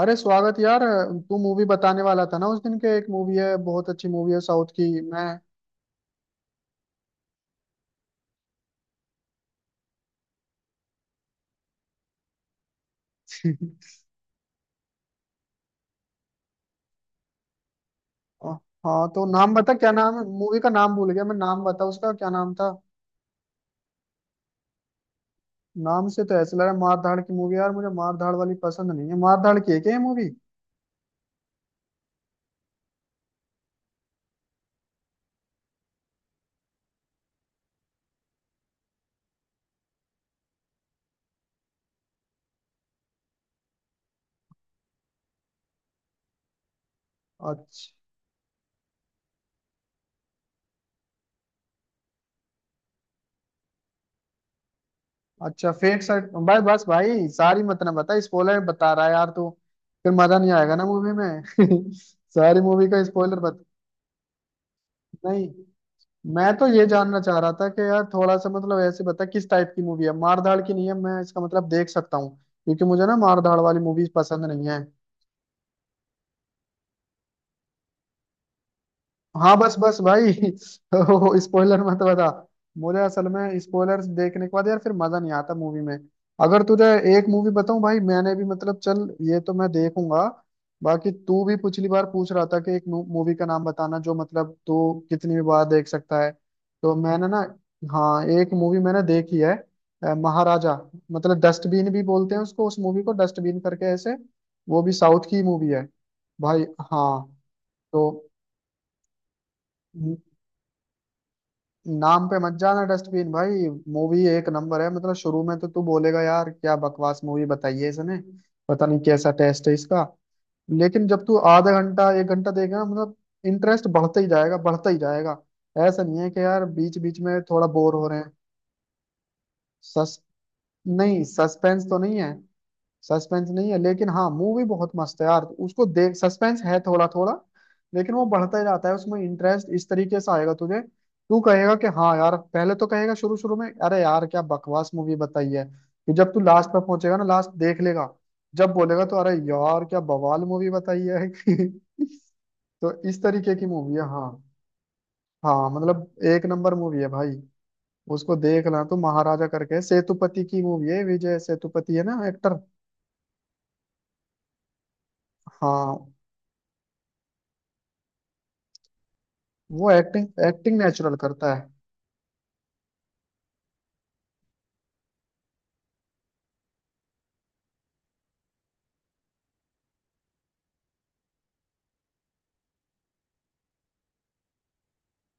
अरे स्वागत यार। तू मूवी बताने वाला था ना, उस दिन के एक मूवी है, बहुत अच्छी मूवी है साउथ की। मैं। हाँ तो नाम बता, क्या नाम है मूवी का? नाम भूल गया मैं। नाम बता, उसका क्या नाम था? नाम से तो ऐसे लग रहा है मार धाड़ की मूवी यार, मुझे मार धाड़ वाली पसंद नहीं है। मार धाड़ की है क्या ये मूवी? अच्छा। अच्छा फेक साइड भाई। बस भाई सारी मत ना बता, स्पॉइलर बता रहा है यार तू। फिर मजा नहीं आएगा ना मूवी में। सारी मूवी का स्पॉइलर बता। नहीं, मैं तो ये जानना चाह रहा था कि यार थोड़ा सा मतलब ऐसे बता किस टाइप की मूवी है। मार धाड़ की नहीं है, मैं इसका मतलब देख सकता हूँ क्योंकि मुझे ना मार धाड़ वाली मूवीज पसंद नहीं है। हाँ बस बस भाई। ओ, स्पॉइलर मत बता। मुझे असल में स्पॉयलर्स देखने के बाद यार फिर मजा नहीं आता मूवी में। अगर तुझे एक मूवी बताऊं भाई, मैंने भी मतलब चल, ये तो मैं देखूंगा। बाकी तू भी पिछली बार पूछ रहा था कि एक मूवी का नाम बताना जो मतलब तू कितनी भी बार देख सकता है। तो मैंने ना, हाँ एक मूवी मैंने देखी है, महाराजा। मतलब डस्टबिन भी बोलते हैं उसको, उस मूवी को डस्टबिन करके ऐसे। वो भी साउथ की मूवी है भाई। हाँ तो नाम पे मत जाना डस्टबिन भाई, मूवी एक नंबर है। मतलब शुरू में तो तू बोलेगा यार क्या बकवास मूवी बताई है इसने, पता नहीं कैसा टेस्ट है इसका। लेकिन जब तू आधा घंटा एक घंटा देखेगा मतलब इंटरेस्ट बढ़ता ही जाएगा, बढ़ता ही जाएगा। ऐसा नहीं है कि यार बीच बीच में थोड़ा बोर हो रहे हैं। सस नहीं सस्पेंस तो नहीं है। सस्पेंस नहीं है, लेकिन हाँ मूवी बहुत मस्त है यार, उसको देख। सस्पेंस है थोड़ा थोड़ा, लेकिन वो बढ़ता ही जाता है, उसमें इंटरेस्ट इस तरीके से आएगा तुझे। तू कहेगा कि हाँ यार, पहले तो कहेगा शुरू शुरू में अरे यार क्या बकवास मूवी बताई है, कि जब तू लास्ट पर पहुंचेगा ना, लास्ट देख लेगा, जब बोलेगा तो अरे यार क्या बवाल मूवी बताई है। तो इस तरीके की मूवी है हाँ। हाँ मतलब एक नंबर मूवी है भाई, उसको देखना। तो महाराजा करके सेतुपति की मूवी है, विजय सेतुपति है ना एक्टर। हाँ वो एक्टिंग एक्टिंग नेचुरल करता है।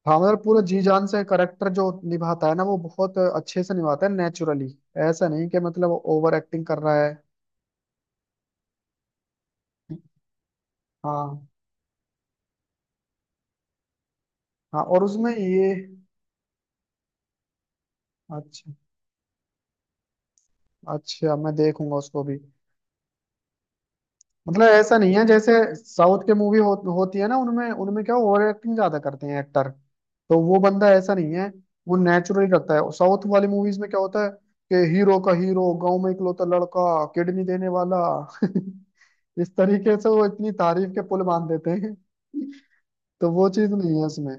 हाँ मतलब पूरा जी जान से करेक्टर जो निभाता है ना, वो बहुत अच्छे से निभाता है नेचुरली। ऐसा नहीं कि मतलब ओवर एक्टिंग कर रहा है। हाँ। हाँ और उसमें ये अच्छा। अच्छा मैं देखूंगा उसको भी। मतलब ऐसा नहीं है जैसे साउथ के मूवी हो, होती है ना, उनमें उनमें क्या ओवर एक्टिंग ज्यादा करते हैं एक्टर, तो वो बंदा ऐसा नहीं है। वो नेचुरली रखता है। साउथ वाली मूवीज में क्या होता है कि हीरो का, हीरो गांव में इकलौता लड़का किडनी देने वाला। इस तरीके से वो इतनी तारीफ के पुल बांध देते हैं, तो वो चीज नहीं है इसमें।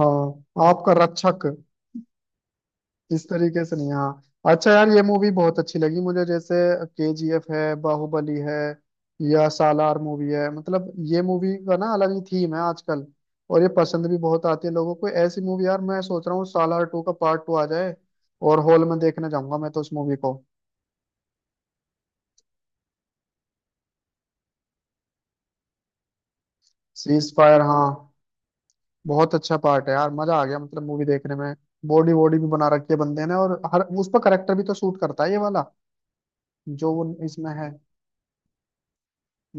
हाँ आपका रक्षक, इस तरीके से नहीं। हाँ अच्छा यार ये मूवी बहुत अच्छी लगी मुझे। जैसे केजीएफ है, बाहुबली है, या सालार मूवी है, मतलब ये मूवी का ना अलग ही थीम है आजकल, और ये पसंद भी बहुत आती है लोगों को ऐसी मूवी। यार मैं सोच रहा हूँ सालार टू का पार्ट 2 आ जाए, और हॉल में देखने जाऊंगा मैं तो उस मूवी को। सीज फायर हाँ, बहुत अच्छा पार्ट है यार, मजा आ गया मतलब मूवी देखने में। बॉडी वॉडी भी बना रखी है बंदे ने, और हर उस पर करेक्टर भी तो सूट करता है ये वाला जो वो इसमें है।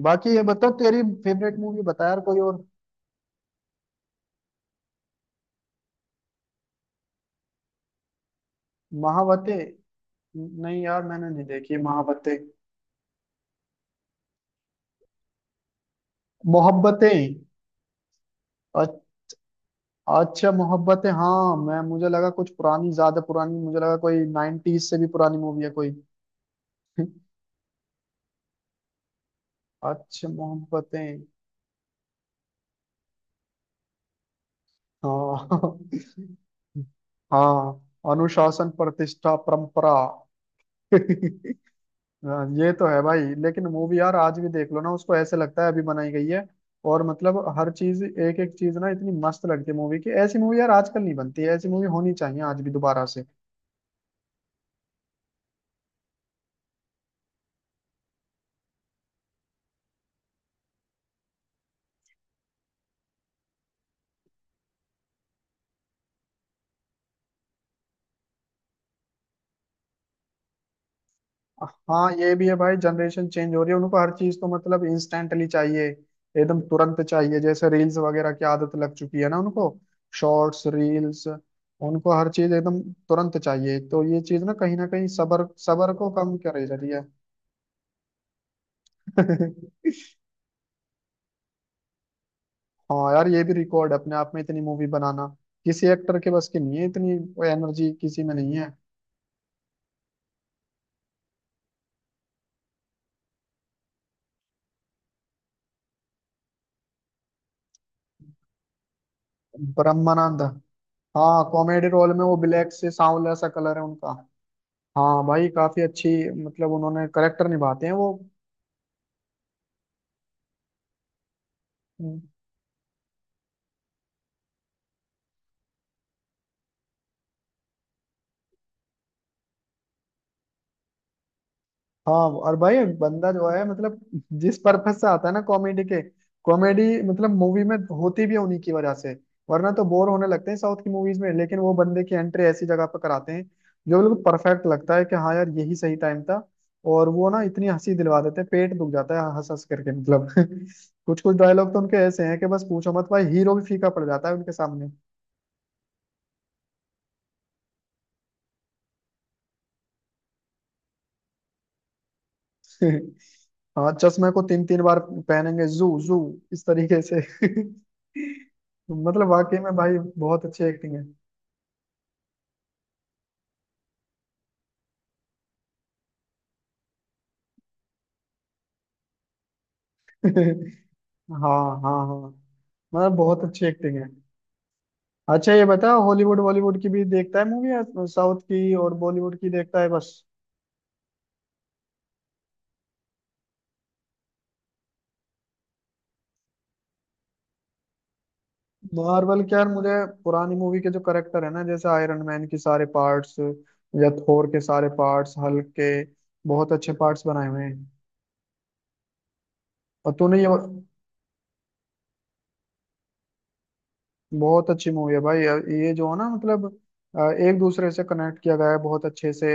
बाकी ये बता तेरी फेवरेट मूवी बता यार कोई और। महावते। नहीं यार मैंने नहीं देखी महावते। मोहब्बतें। अ- अच्छा मोहब्बतें हाँ, मैं मुझे लगा कुछ पुरानी, ज्यादा पुरानी मुझे लगा, कोई नाइनटीज से भी पुरानी मूवी है कोई। अच्छा मोहब्बतें हाँ। हाँ अनुशासन प्रतिष्ठा परंपरा। हाँ, ये तो है भाई, लेकिन मूवी यार आज भी देख लो ना उसको, ऐसे लगता है अभी बनाई गई है। और मतलब हर चीज, एक एक चीज ना इतनी मस्त लगती है मूवी की। ऐसी मूवी यार आजकल नहीं बनती है, ऐसी मूवी होनी चाहिए आज भी दोबारा से। हाँ ये भी है भाई, जनरेशन चेंज हो रही है। उनको हर चीज तो मतलब इंस्टेंटली चाहिए, एकदम तुरंत चाहिए। जैसे रील्स वगैरह की आदत लग चुकी है ना उनको, शॉर्ट्स रील्स, उनको हर चीज एकदम तुरंत चाहिए। तो ये चीज ना कहीं सबर सबर को कम करे जा रही है। हाँ यार ये भी रिकॉर्ड है अपने आप में इतनी मूवी बनाना, किसी एक्टर के बस की नहीं है, इतनी एनर्जी किसी में नहीं है। ब्रह्मानंद। हाँ कॉमेडी रोल में वो, ब्लैक से सांवला सा कलर है उनका। हाँ भाई काफी अच्छी, मतलब उन्होंने करेक्टर निभाते हैं वो। हाँ और भाई बंदा जो है, मतलब जिस पर्पज से आता है ना, कॉमेडी के, कॉमेडी मतलब मूवी में होती भी है उन्हीं की वजह से, वरना तो बोर होने लगते हैं साउथ की मूवीज में। लेकिन वो बंदे की एंट्री ऐसी जगह पर कराते हैं जो बिल्कुल परफेक्ट लगता है कि हाँ यार यही सही टाइम था। और वो ना इतनी हंसी दिलवा देते हैं, पेट दुख जाता है हंस हंस करके मतलब। कुछ कुछ डायलॉग तो उनके ऐसे हैं कि बस पूछो मत भाई, हीरो भी फीका पड़ जाता है उनके सामने। हाँ चश्मे को तीन तीन बार पहनेंगे जू जू इस तरीके से। मतलब वाकई में भाई बहुत अच्छी एक्टिंग है। हाँ हाँ हाँ, मतलब बहुत अच्छी एक्टिंग है। अच्छा ये बता हॉलीवुड बॉलीवुड की भी देखता है मूवी, या साउथ की और बॉलीवुड की देखता है बस? मार्वल के यार मुझे, पुरानी मूवी के जो करेक्टर है ना, जैसे आयरन मैन के सारे पार्ट्स या थोर के सारे पार्ट्स, हल्क के, बहुत अच्छे पार्ट्स बनाए हुए हैं। और तूने ये, बहुत अच्छी मूवी है भाई ये। जो है ना मतलब अ, एक दूसरे से कनेक्ट किया गया है बहुत अच्छे से।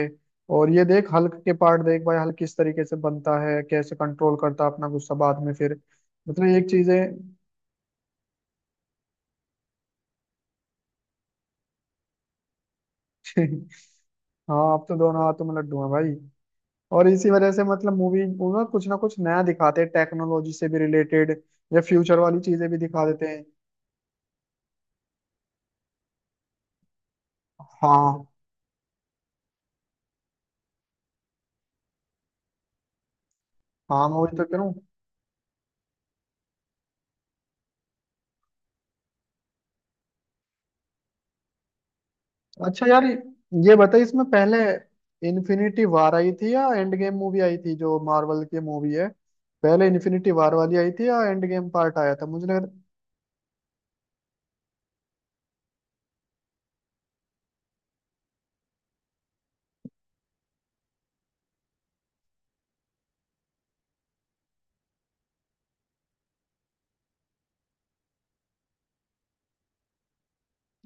और ये देख हल्क के पार्ट देख भाई, हल्क किस तरीके से बनता है, कैसे कंट्रोल करता है अपना गुस्सा बाद में फिर, मतलब एक चीज है। हाँ अब तो दोनों हाथों में लड्डू हैं भाई। और इसी वजह से मतलब मूवी ना कुछ नया दिखाते हैं टेक्नोलॉजी से भी रिलेटेड, या फ्यूचर वाली चीजें भी दिखा देते हैं। हाँ। हाँ मैं वही तो कह रहा हूँ। अच्छा यार ये बताइए, इसमें पहले इन्फिनिटी वार आई थी या एंड गेम मूवी आई थी, जो मार्वल की मूवी है? पहले इन्फिनिटी वार वाली आई थी या एंड गेम पार्ट आया था, मुझे लग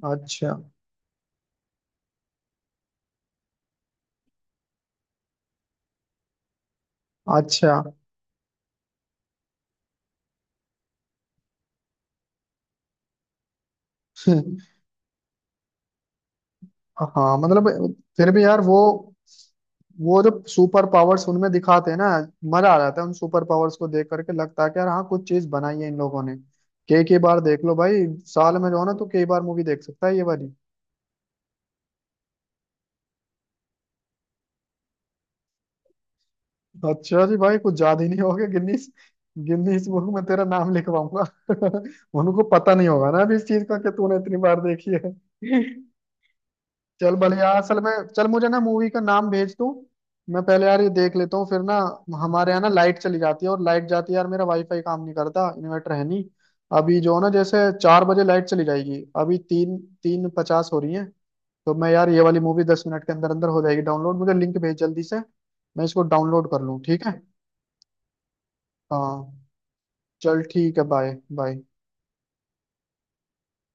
रहा। अच्छा। अच्छा। हाँ मतलब, फिर भी यार वो जो सुपर पावर्स उनमें दिखाते हैं ना, मजा आ जाता है उन सुपर पावर्स को देख करके, लगता है कि यार हाँ कुछ चीज बनाई है इन लोगों ने। कई कई बार देख लो भाई, साल में जो है ना तो कई बार मूवी देख सकता है ये वाली। अच्छा जी भाई कुछ याद ही नहीं होगा। गिनीज, गिनीज बुक में तेरा नाम लिखवाऊंगा। उनको पता नहीं होगा ना अभी इस चीज का कि तूने इतनी बार देखी है। चल भले यार, असल में चल मुझे ना मूवी का नाम भेज तू, मैं पहले यार ये देख लेता हूँ फिर ना। हमारे यहाँ ना लाइट चली जाती है, और लाइट जाती है यार मेरा वाईफाई काम नहीं करता, इन्वर्टर है नहीं। अभी जो है ना, जैसे 4 बजे लाइट चली जाएगी, अभी तीन, 3:50 हो रही है। तो मैं यार ये वाली मूवी 10 मिनट के अंदर अंदर हो जाएगी डाउनलोड, मुझे लिंक भेज जल्दी से, मैं इसको डाउनलोड कर लूँ, ठीक है? हाँ चल ठीक है बाय। बाय।